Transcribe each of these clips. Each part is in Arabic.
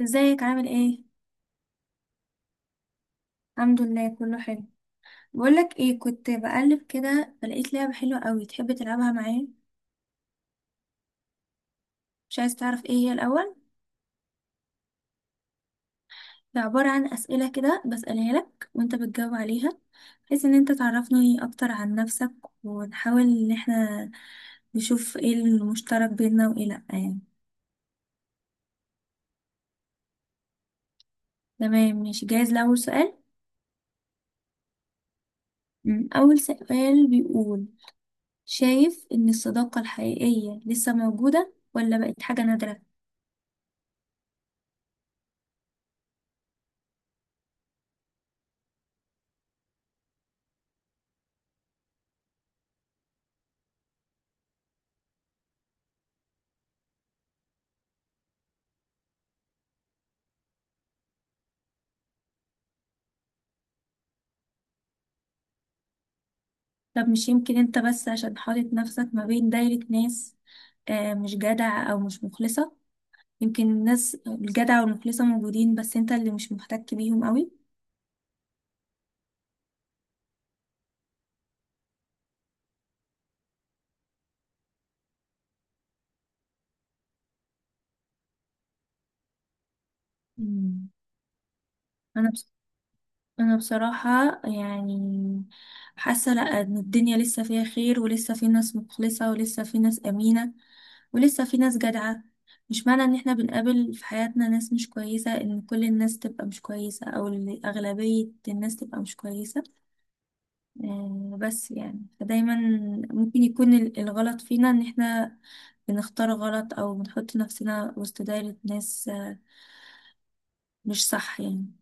ازيك؟ عامل ايه؟ الحمد لله كله حلو. بقولك ايه، كنت بقلب كده فلقيت لعبة حلوة قوي، تحب تلعبها معايا؟ مش عايز تعرف ايه هي الاول؟ هي عبارة عن اسئلة كده بسألها لك وانت بتجاوب عليها، بحيث ان انت تعرفني اكتر عن نفسك، ونحاول ان احنا نشوف ايه المشترك بيننا وايه لا يعني. تمام، ماشي، جاهز لأول سؤال؟ اول سؤال بيقول: شايف ان الصداقة الحقيقية لسه موجودة ولا بقت حاجة نادرة؟ طب مش يمكن انت بس عشان حاطط نفسك ما بين دايرة ناس مش جدع او مش مخلصة؟ يمكن الناس الجدع والمخلصة موجودين بس انت اللي مش محتك بيهم قوي. مم. انا بس، انا بصراحة يعني حاسة لا ان الدنيا لسه فيها خير، ولسه في ناس مخلصة، ولسه في ناس امينة، ولسه في ناس جدعة. مش معنى ان احنا بنقابل في حياتنا ناس مش كويسة ان كل الناس تبقى مش كويسة، او إن اغلبية الناس تبقى مش كويسة. بس يعني فدايما ممكن يكون الغلط فينا ان احنا بنختار غلط، او بنحط نفسنا وسط دايرة ناس مش صح يعني.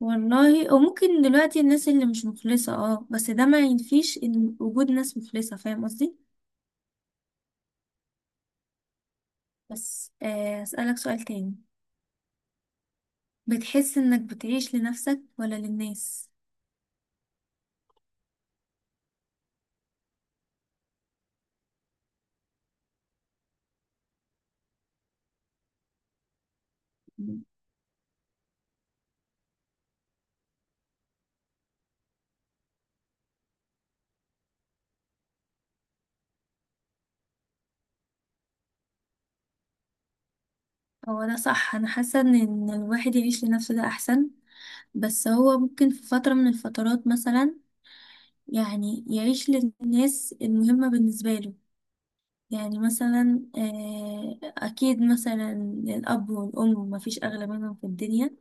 والله او ممكن دلوقتي الناس اللي مش مخلصة اه، بس ده ما ينفيش ان وجود ناس مخلصة، فاهم قصدي؟ بس اسألك سؤال تاني: بتحس انك بتعيش لنفسك ولا للناس؟ هو ده صح، انا حاسة ان إن الواحد يعيش لنفسه ده احسن، بس هو ممكن في فترة من الفترات مثلا يعني يعيش للناس المهمة بالنسبة له. يعني مثلا أكيد مثلا الأب والأم مفيش أغلى منهم في الدنيا،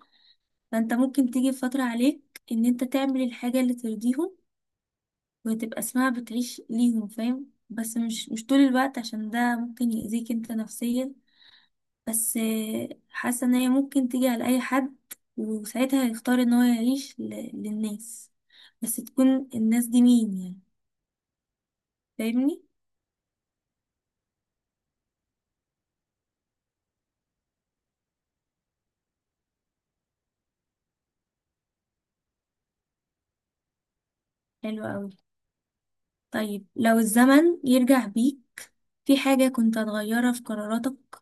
فأنت ممكن تيجي فترة عليك إن أنت تعمل الحاجة اللي ترضيهم وتبقى اسمها بتعيش ليهم، فاهم؟ بس مش طول الوقت، عشان ده ممكن يأذيك أنت نفسيا. بس حاسة إن هي ممكن تيجي على أي حد، وساعتها هيختار إن هو يعيش للناس، بس تكون الناس دي مين يعني. فاهمني؟ حلو أوي. طيب لو الزمن يرجع بيك، في حاجة كنت هتغيرها في قراراتك؟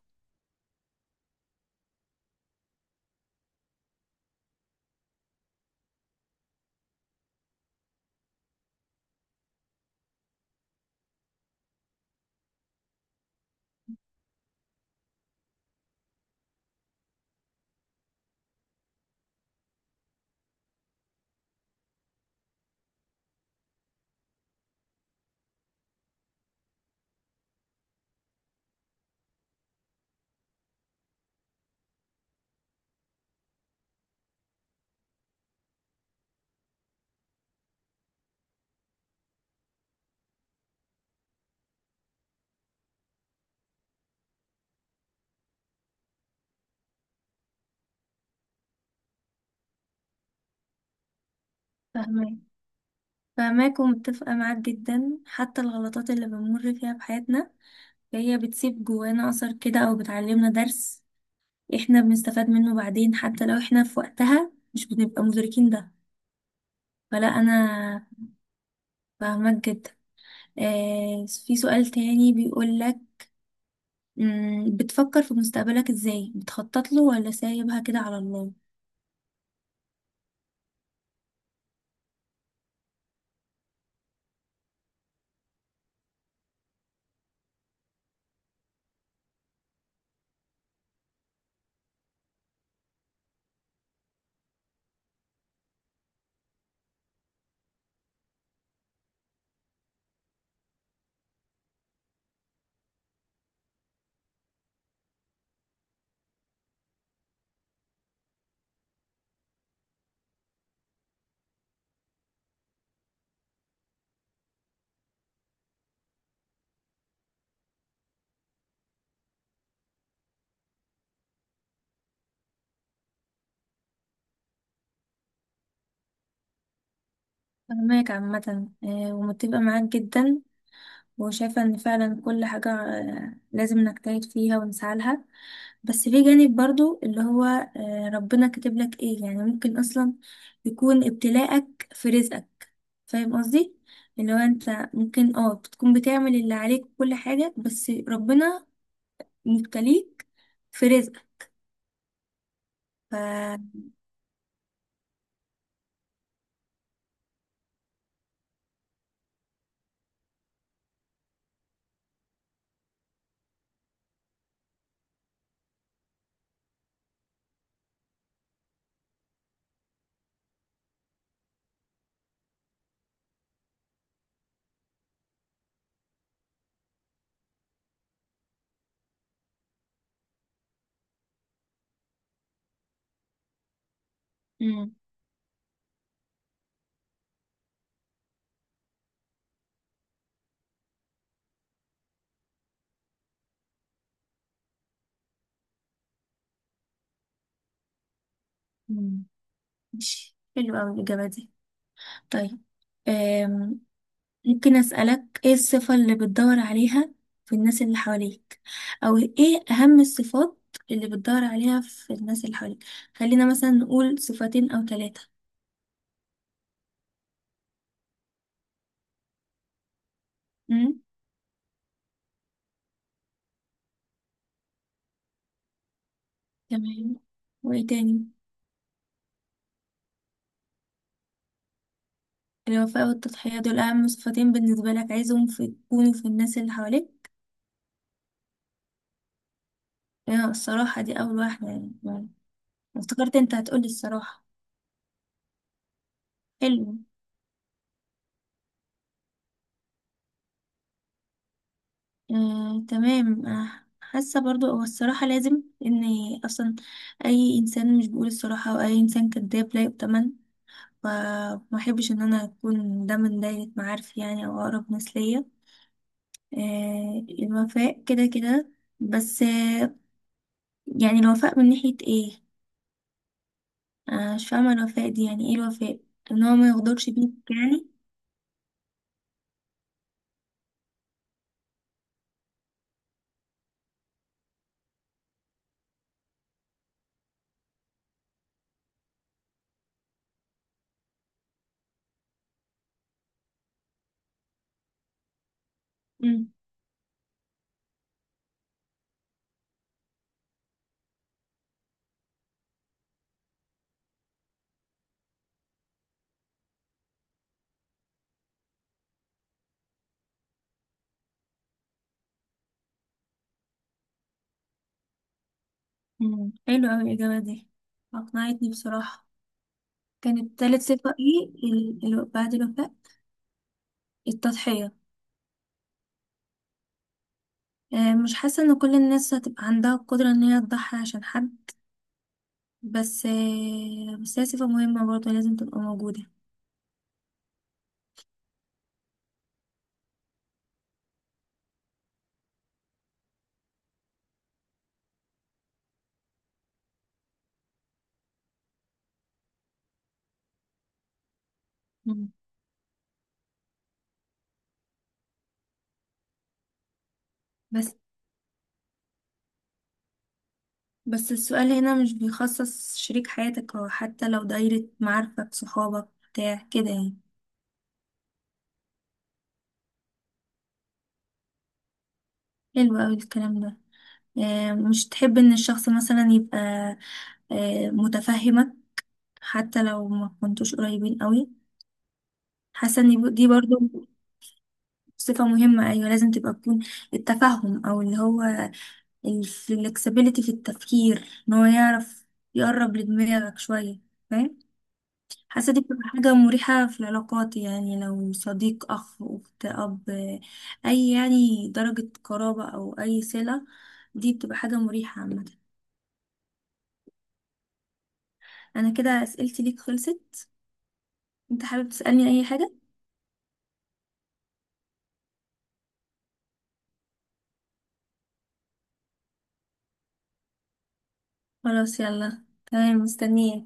فاهماك، فاهماك ومتفقة معاك جدا. حتى الغلطات اللي بنمر فيها في حياتنا هي بتسيب جوانا أثر كده، أو بتعلمنا درس احنا بنستفاد منه بعدين، حتى لو احنا في وقتها مش بنبقى مدركين ده. فلا، أنا فاهماك جدا. آه، في سؤال تاني بيقولك: بتفكر في مستقبلك ازاي؟ بتخطط له ولا سايبها كده على الله؟ فاهماك عامة، آه، ومتفقة معاك جدا، وشايفة ان فعلا كل حاجة لازم نجتهد فيها ونسعى لها. بس في جانب برضو اللي هو ربنا كاتب لك ايه. يعني ممكن اصلا يكون ابتلاءك في رزقك، فاهم قصدي؟ اللي هو انت ممكن اه بتكون بتعمل اللي عليك وكل حاجة، بس ربنا مبتليك في رزقك. ف مم. مم. ماشي، حلو اوي الاجابة دي. طيب ممكن أسألك ايه الصفة اللي بتدور عليها في الناس اللي حواليك، او ايه اهم الصفات اللي بتدور عليها في الناس اللي حواليك؟ خلينا مثلا نقول صفتين او ثلاثة. امم، تمام. وايه تاني؟ الوفاء والتضحية، دول اهم صفتين بالنسبة لك عايزهم في يكونوا في الناس اللي حواليك؟ الصراحة دي اول واحدة يعني، افتكرت انت هتقولي الصراحة. حلو. تمام. حاسة برضو هو الصراحة لازم، ان اصلا اي انسان مش بيقول الصراحة او اي انسان كذاب لا يؤتمن، فما احبش ان انا اكون ده من دايرة معارف يعني، او اقرب ناس ليا. الوفاء كده كده. بس يعني الوفاء من ناحية ايه؟ مش فاهمة الوفاء دي يعني ايه؟ الوفاء ان هو ما يغدرش بيك يعني؟ مم، حلو اوي الاجابة دي، اقنعتني بصراحة. كانت تالت صفة ايه، بعد الوفاء؟ التضحية. مش حاسة ان كل الناس هتبقى عندها القدرة ان هي تضحي عشان حد، بس بس هي صفة مهمة برضه لازم تبقى موجودة. مم. بس بس السؤال هنا مش بيخصص شريك حياتك، او حتى لو دايرة معارفك، صحابك، بتاع كده يعني. حلو اوي الكلام ده. مش تحب ان الشخص مثلا يبقى متفهمك، حتى لو ما كنتوش قريبين قوي؟ حاسه ان دي برضو صفه مهمه، ايوه لازم تبقى تكون. التفهم، او اللي هو الفلكسبيليتي في التفكير، ان هو يعرف يقرب لدماغك شوية، فاهم؟ حاسة دي بتبقى حاجة مريحة في العلاقات، يعني لو صديق، أخ، أخت، أب، أي يعني درجة قرابة أو أي صلة، دي بتبقى حاجة مريحة عامة. أنا كده أسئلتي ليك خلصت، أنت حابب تسألني أي حاجة؟ خلاص يلا، تمام، مستنية.